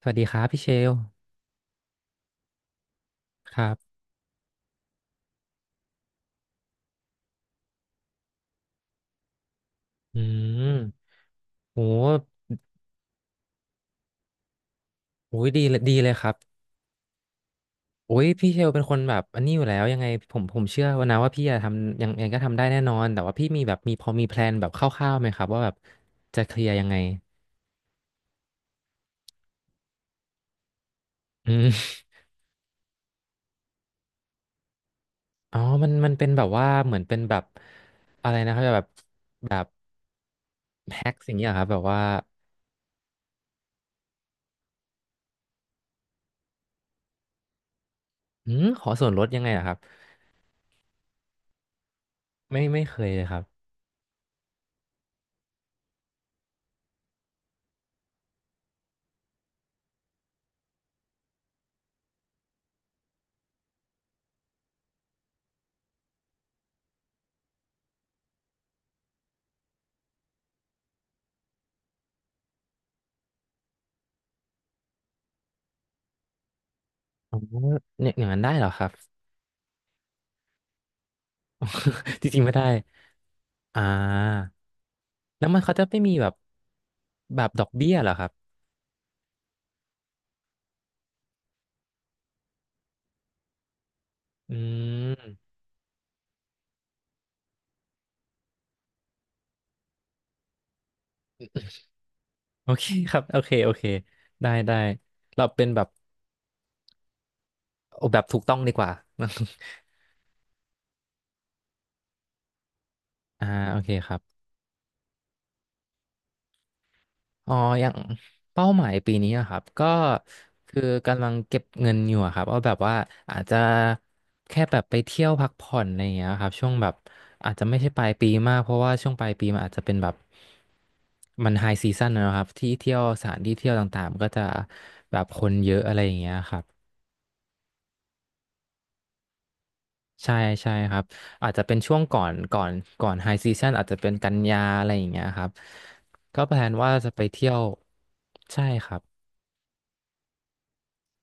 สวัสดีครับพี่เชลครับอืมโหโอ้ยดีเลยดีเลยครับโอ้ยพี่เชลเป็นคนแบบอันนี้อยู่แล้วยังไงผมเชื่อว่านะว่าพี่จะทำยังไงก็ทำได้แน่นอนแต่ว่าพี่มีแบบมีพอมีแพลนแบบคร่าวๆไหมครับว่าแบบจะเคลียร์ยังไงอืมอ๋อมันเป็นแบบว่าเหมือนเป็นแบบอะไรนะครับแบบแฮ็กสิ่างเงี้ยเหรอครับแบบว่าอืมขอส่วนลดยังไงเหรอครับไม่เคยเลยครับอ๋อเนี่ยอย่างนั้นได้เหรอครับ จริงๆไม่ได้อ่า แล้วมันเขาจะไม่มีแบบแบบดอกเบี้ยเหรอครับ อืม โอเค ครับ โอเค โอเค ได้ ได้ เราเป็นแบบเอาแบบถูกต้องดีกว่า อ่า โอเคครับ อ๋ออย่างเป้าหมายปีนี้อะครับ ก็คือกำลังเก็บเงินอยู่อะครับวอาแบบว่าอาจจะแค่แบบไปเที่ยวพักผ่อนอะไรอย่างเงี้ยครับช่วงแบบอาจจะไม่ใช่ปลายปีมากเพราะว่าช่วงปลายปีมันอาจจะเป็นแบบมันไฮซีซั่นนะครับที่เที่ยวสถานที่เที่ยวต่างๆมันก็จะแบบคนเยอะอะไรอย่างเงี้ยครับใช่ใช่ครับอาจจะเป็นช่วงก่อนไฮซีซันอาจจะเป็นกันยาอะไรอย่างเงี้ยครับก็แพลนว่าจะไปเที่ยวใช่ครับ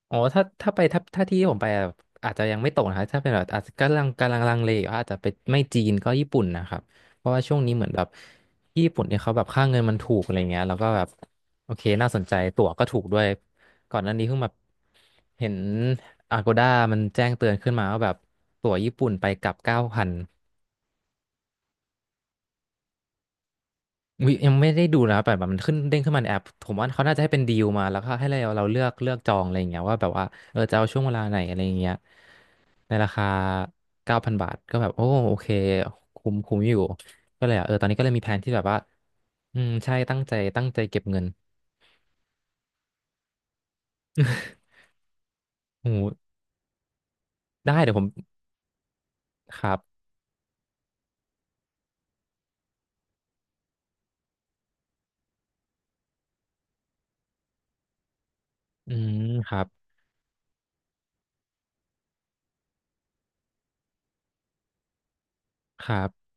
อ๋อถ้าที่ผมไปอะอาจจะยังไม่ตกนะครับถ้าเป็นแบบอาจจะกำลังลังเลอยู่ว่าอาจจะไปไม่จีนก็ญี่ปุ่นนะครับเพราะว่าช่วงนี้เหมือนแบบญี่ปุ่นเนี่ยเขาแบบค่าเงินมันถูกอะไรเงี้ยแล้วก็แบบโอเคน่าสนใจตั๋วก็ถูกด้วยก่อนหน้านี้เพิ่งแบบเห็น Agoda มันแจ้งเตือนขึ้นมาว่าแบบตั๋วญี่ปุ่นไปกลับเก้าพัน อุ๊ยยังไม่ได้ดูนะแต่แบบมันขึ้นเด้งขึ้นมาในแอปผมว่าเขาน่าจะให้เป็นดีลมาแล้วก็ให้เราเลือกจองอะไรอย่างเงี้ยว่าแบบว่าเออจะเอาช่วงเวลาไหนอะไรอย่างเงี้ยในราคา9,000 บาทก็แบบโอ้โอเคคุ้มคุ้มอยู่ก็เลยอ่ะเออตอนนี้ก็เลยมีแผนที่แบบว่าอืมใช่ตั้งใจเก็บเงิน โอ้โหได้เดี๋ยวผมครับอืมครับครับ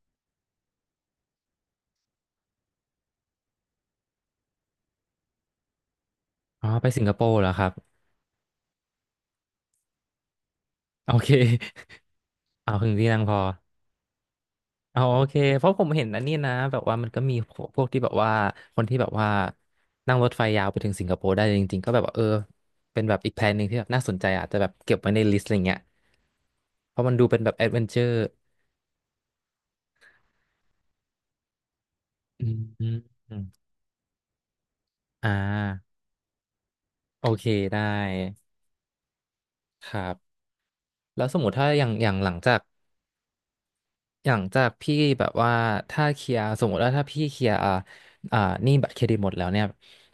อ๋อไปสิงคโปร์เหรอครับโอเค เอาถึงที่นั่งพอ อ๋อโอเคเพราะผมเห็นอันนี้นะแบบว่ามันก็มีพวกที่แบบว่าคนที่แบบว่านั่งรถไฟยาวไปถึงสิงคโปร์ได้จริงๆก็แบบว่าเออเป็นแบบอีกแพลนหนึ่งที่แบบน่าสนใจอาจจะแบบเก็บไว้ในลิสต์อะไรเงี้ยเพราะมันดูเป็นแบบแอดเวนเจอร์อืมอืมอืมอ่าโอเคได้ครับแล้วสมมติถ้าอย่างหลังจากอย่างจากพี่แบบว่าถ้าเคลียร์สมมติว่าถ้าพี่เคลียร์อ่าอ่าหนี้บัตรเครดิตหมดแล้วเนี่ย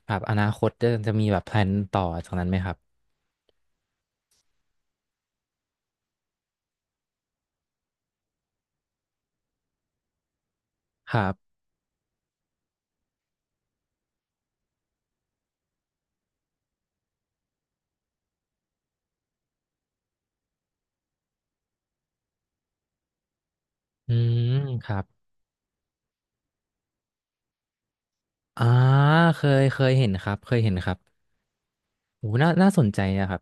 แบบอนาคตจะมีแบบแพลนต่อจากนั้นไหมครับครับ อืมครับอ่าเคยเห็นครับเคยเห็นครับโหน่าสนใจนะครับ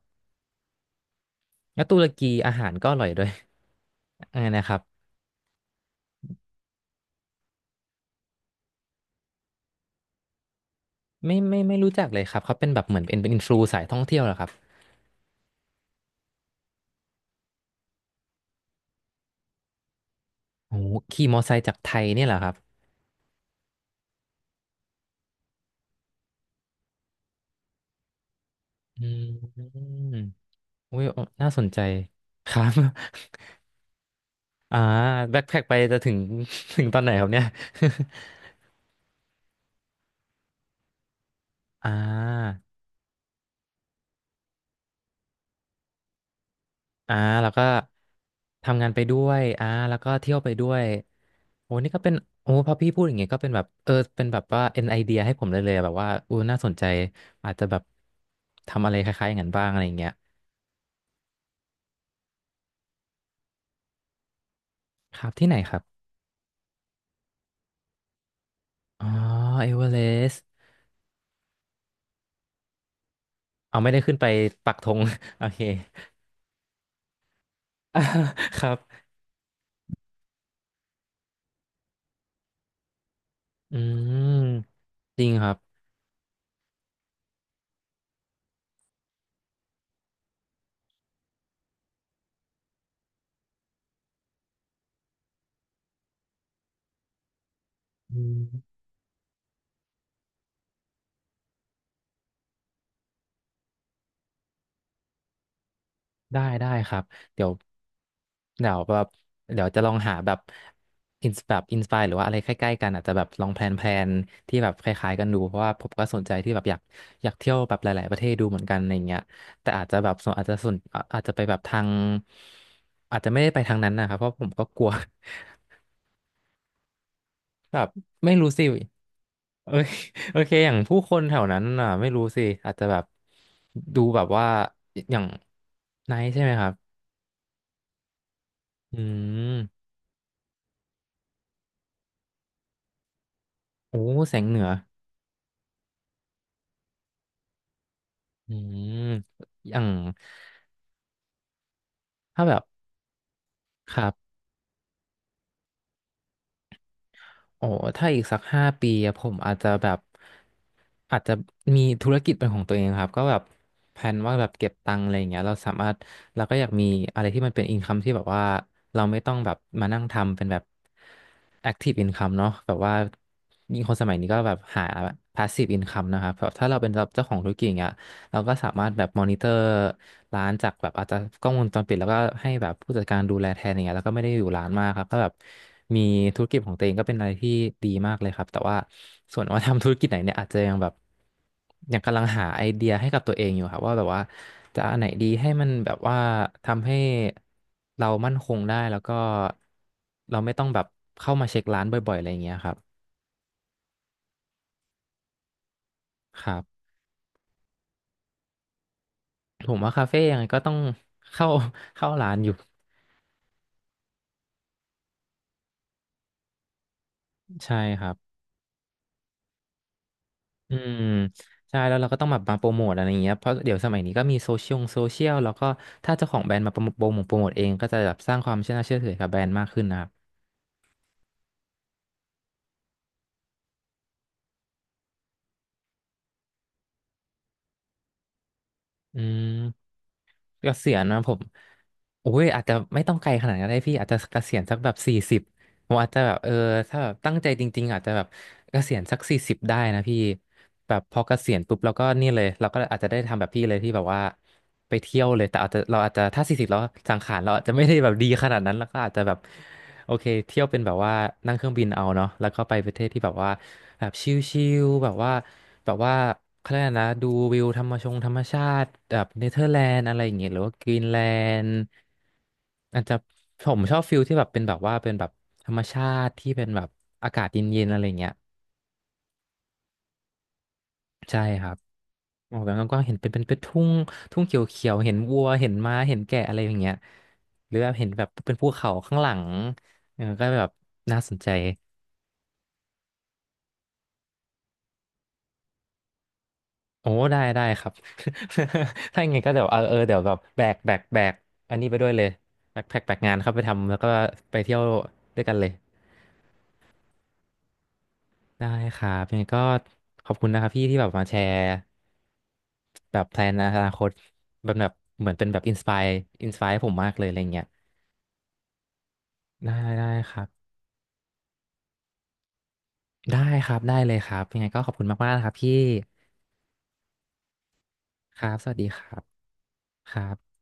แล้วตุรกีอาหารก็อร่อยด้วย อะไรนะครับไม่รู้จักเลยครับเขาเป็นแบบเหมือนเป็นอินฟลูสายท่องเที่ยวเหรอครับโหขี่มอไซค์จากไทยเนี่ยเหรอครับอืมอุ้ยน่าสนใจครับ อ่าแบ็คแพ็คไปจะถึง ถึงตอนไหนครับเนี่ย อ่า อ่าแล้วก็ทำงานไปด้วยอ่าแล้วก็เที่ยวไปด้วยโอ้นี่ก็เป็นโอ้พอพี่พูดอย่างเงี้ยก็เป็นแบบเออเป็นแบบว่าเป็นไอเดียให้ผมเลยอะแบบว่าอู้น่าสนใจอาจจะแบบทำอะไรคล้ายๆอย่างนั้นบ้างอะไรอย่างเงี้ยครับที่ไหนครับอ๋อเอเวอเรสต์เอาไม่ได้ขึ้นไปปักธง โอเค ครับอืมจริงครับอืม ได้ได้ครับเดี๋ยวเดี๋ยวแบบเดี๋ยวจะลองหาแบบอินสปายหรือว่าอะไรใกล้ๆกันอาจจะแบบลองแพลนแพลนที่แบบคล้ายๆกันดูเพราะว่าผมก็สนใจที่แบบอยากเที่ยวแบบหลายๆประเทศดูเหมือนกันอะไรเงี้ยแต่อาจจะแบบส่วนอาจจะส่วนอาอาจจะไปแบบทางอาจจะไม่ได้ไปทางนั้นนะครับเพราะผมก็กลัว แบบไม่รู้สิเอ้ย โอเคอย่างผู้คนแถวนั้นอ่ะไม่รู้สิอาจจะแบบดูแบบว่าอย่างไนท์ใช่ไหมครับอืมโอ้แสงเหนือ อืมอย่างถ้าแบบครับโอ้ถ้าอีกสัก5 ปีอะผมอาจจะแบบอาจจะมีธุรกิจเป็นของตัวเองครับก็แบบแผนว่าแบบเก็บตังค์อะไรอย่างเงี้ยเราสามารถเราก็อยากมีอะไรที่มันเป็นอินคัมที่แบบว่าเราไม่ต้องแบบมานั่งทำเป็นแบบแอคทีฟอินคัมเนาะแบบว่ายิ่งคนสมัยนี้ก็แบบหาพาสซีฟอินคัมนะครับแบบถ้าเราเป็นเจ้าของธุรกิจอย่างเงี้ย เราก็สามารถแบบมอนิเตอร์ร้านจากแบบอาจจะกล้องวงจรปิดแล้วก็ให้แบบผู้จัดการดูแลแทนอย่างเงี้ยแล้วก็ไม่ได้อยู่ร้านมากครับก็แบบมีธุรกิจของตัวเองก็เป็นอะไรที่ดีมากเลยครับแต่ว่าส่วนว่าทำธุรกิจไหนเนี่ยอาจจะยังแบบยังกำลังหาไอเดียให้กับตัวเองอยู่ครับว่าแบบว่าจะอันไหนดีให้มันแบบว่าทำให้เรามั่นคงได้แล้วก็เราไม่ต้องแบบเข้ามาเช็คร้านบ่อยๆอะไรอย่างเงี้ยครับครับผมว่าคาเฟ่ยังไงก็ต้องเข้าเข้าร้านอยู่ใช่ครับ อืมใช่แล้วเราก็ต้องแบบมาโปรโมทอะไรอย่างเงี้ยเพราะเดี๋ยวสมัยนี้ก็มีโซเชียลแล้วก็ถ้าเจ้าของแบรนด์มาโปรโมทโปรโมทโปรโมทเองก็จะแบบสร้างความเชื่อน่าเชื่อถือกับแบรนด์มากขึ้นนะครับอืมเกษียณนะผมโอ้ยอาจจะไม่ต้องไกลขนาดนั้นก็ได้พี่อาจจะเกษียณสักแบบสี่สิบ ผมอาจจะแบบเออถ้าแบบตั้งใจจริงๆอาจจะแบบเกษียณสักสี่สิบได้นะพี่แบบพอเกษียณปุ๊บเราก็นี่เลยเราก็อาจจะได้ทำแบบพี่เลยที่แบบว่าไปเที่ยวเลยแต่อาจจะเราอาจจะถ้าสี่สิบแล้วสังขารเราอาจจะไม่ได้แบบดีขนาดนั้นแล้วก็อาจจะแบบโอเคเที่ยวเป็นแบบว่านั่งเครื่องบินเอาเนาะแล้วก็ไปประเทศที่แบบว่าแบบชิลๆแบบว่าแบบว่าเขาเรียกอะไรนะดูวิวธรรมชงธรรมชาติแบบเนเธอร์แลนด์อะไรอย่างเงี้ยหรือว่ากรีนแลนด์ อาจจะผมชอบฟิลที่แบบเป็นแบบว่าเป็นแบบธรรมชาติที่เป็นแบบอากาศเย็นๆอะไรเงี้ยใช่ครับมองไปกว้างๆเห็นเป็นทุ่งทุ่งเขียวๆเห็นวัวเห็นม้าเห็นแกะอะไรอย่างเงี้ยหรือแบบเห็นแบบเป็นภูเขาข้างหลังเออก็แบบน่าสนใจโอ้ได้ได้ครับ ถ้าอย่างไงก็เดี๋ยวเออเดี๋ยวแบบแบกอันนี้ไปด้วยเลยแบกแพ็คแบกงานเข้าไปทำแล้วก็ไปเที่ยวด้วยกันเลย ได้ครับยังไงก็ขอบคุณนะครับพี่ที่แบบมาแชร์แบบแพลนอนาคตแบบเหมือนเป็นแบบอินสปายอินสปายผมมากเลยอะไรเงี้ยได้ได้ครับได้ครับได้เลยครับยังไงก็ขอบคุณมากๆนะครับพี่ ครับสวัสดีครับครับ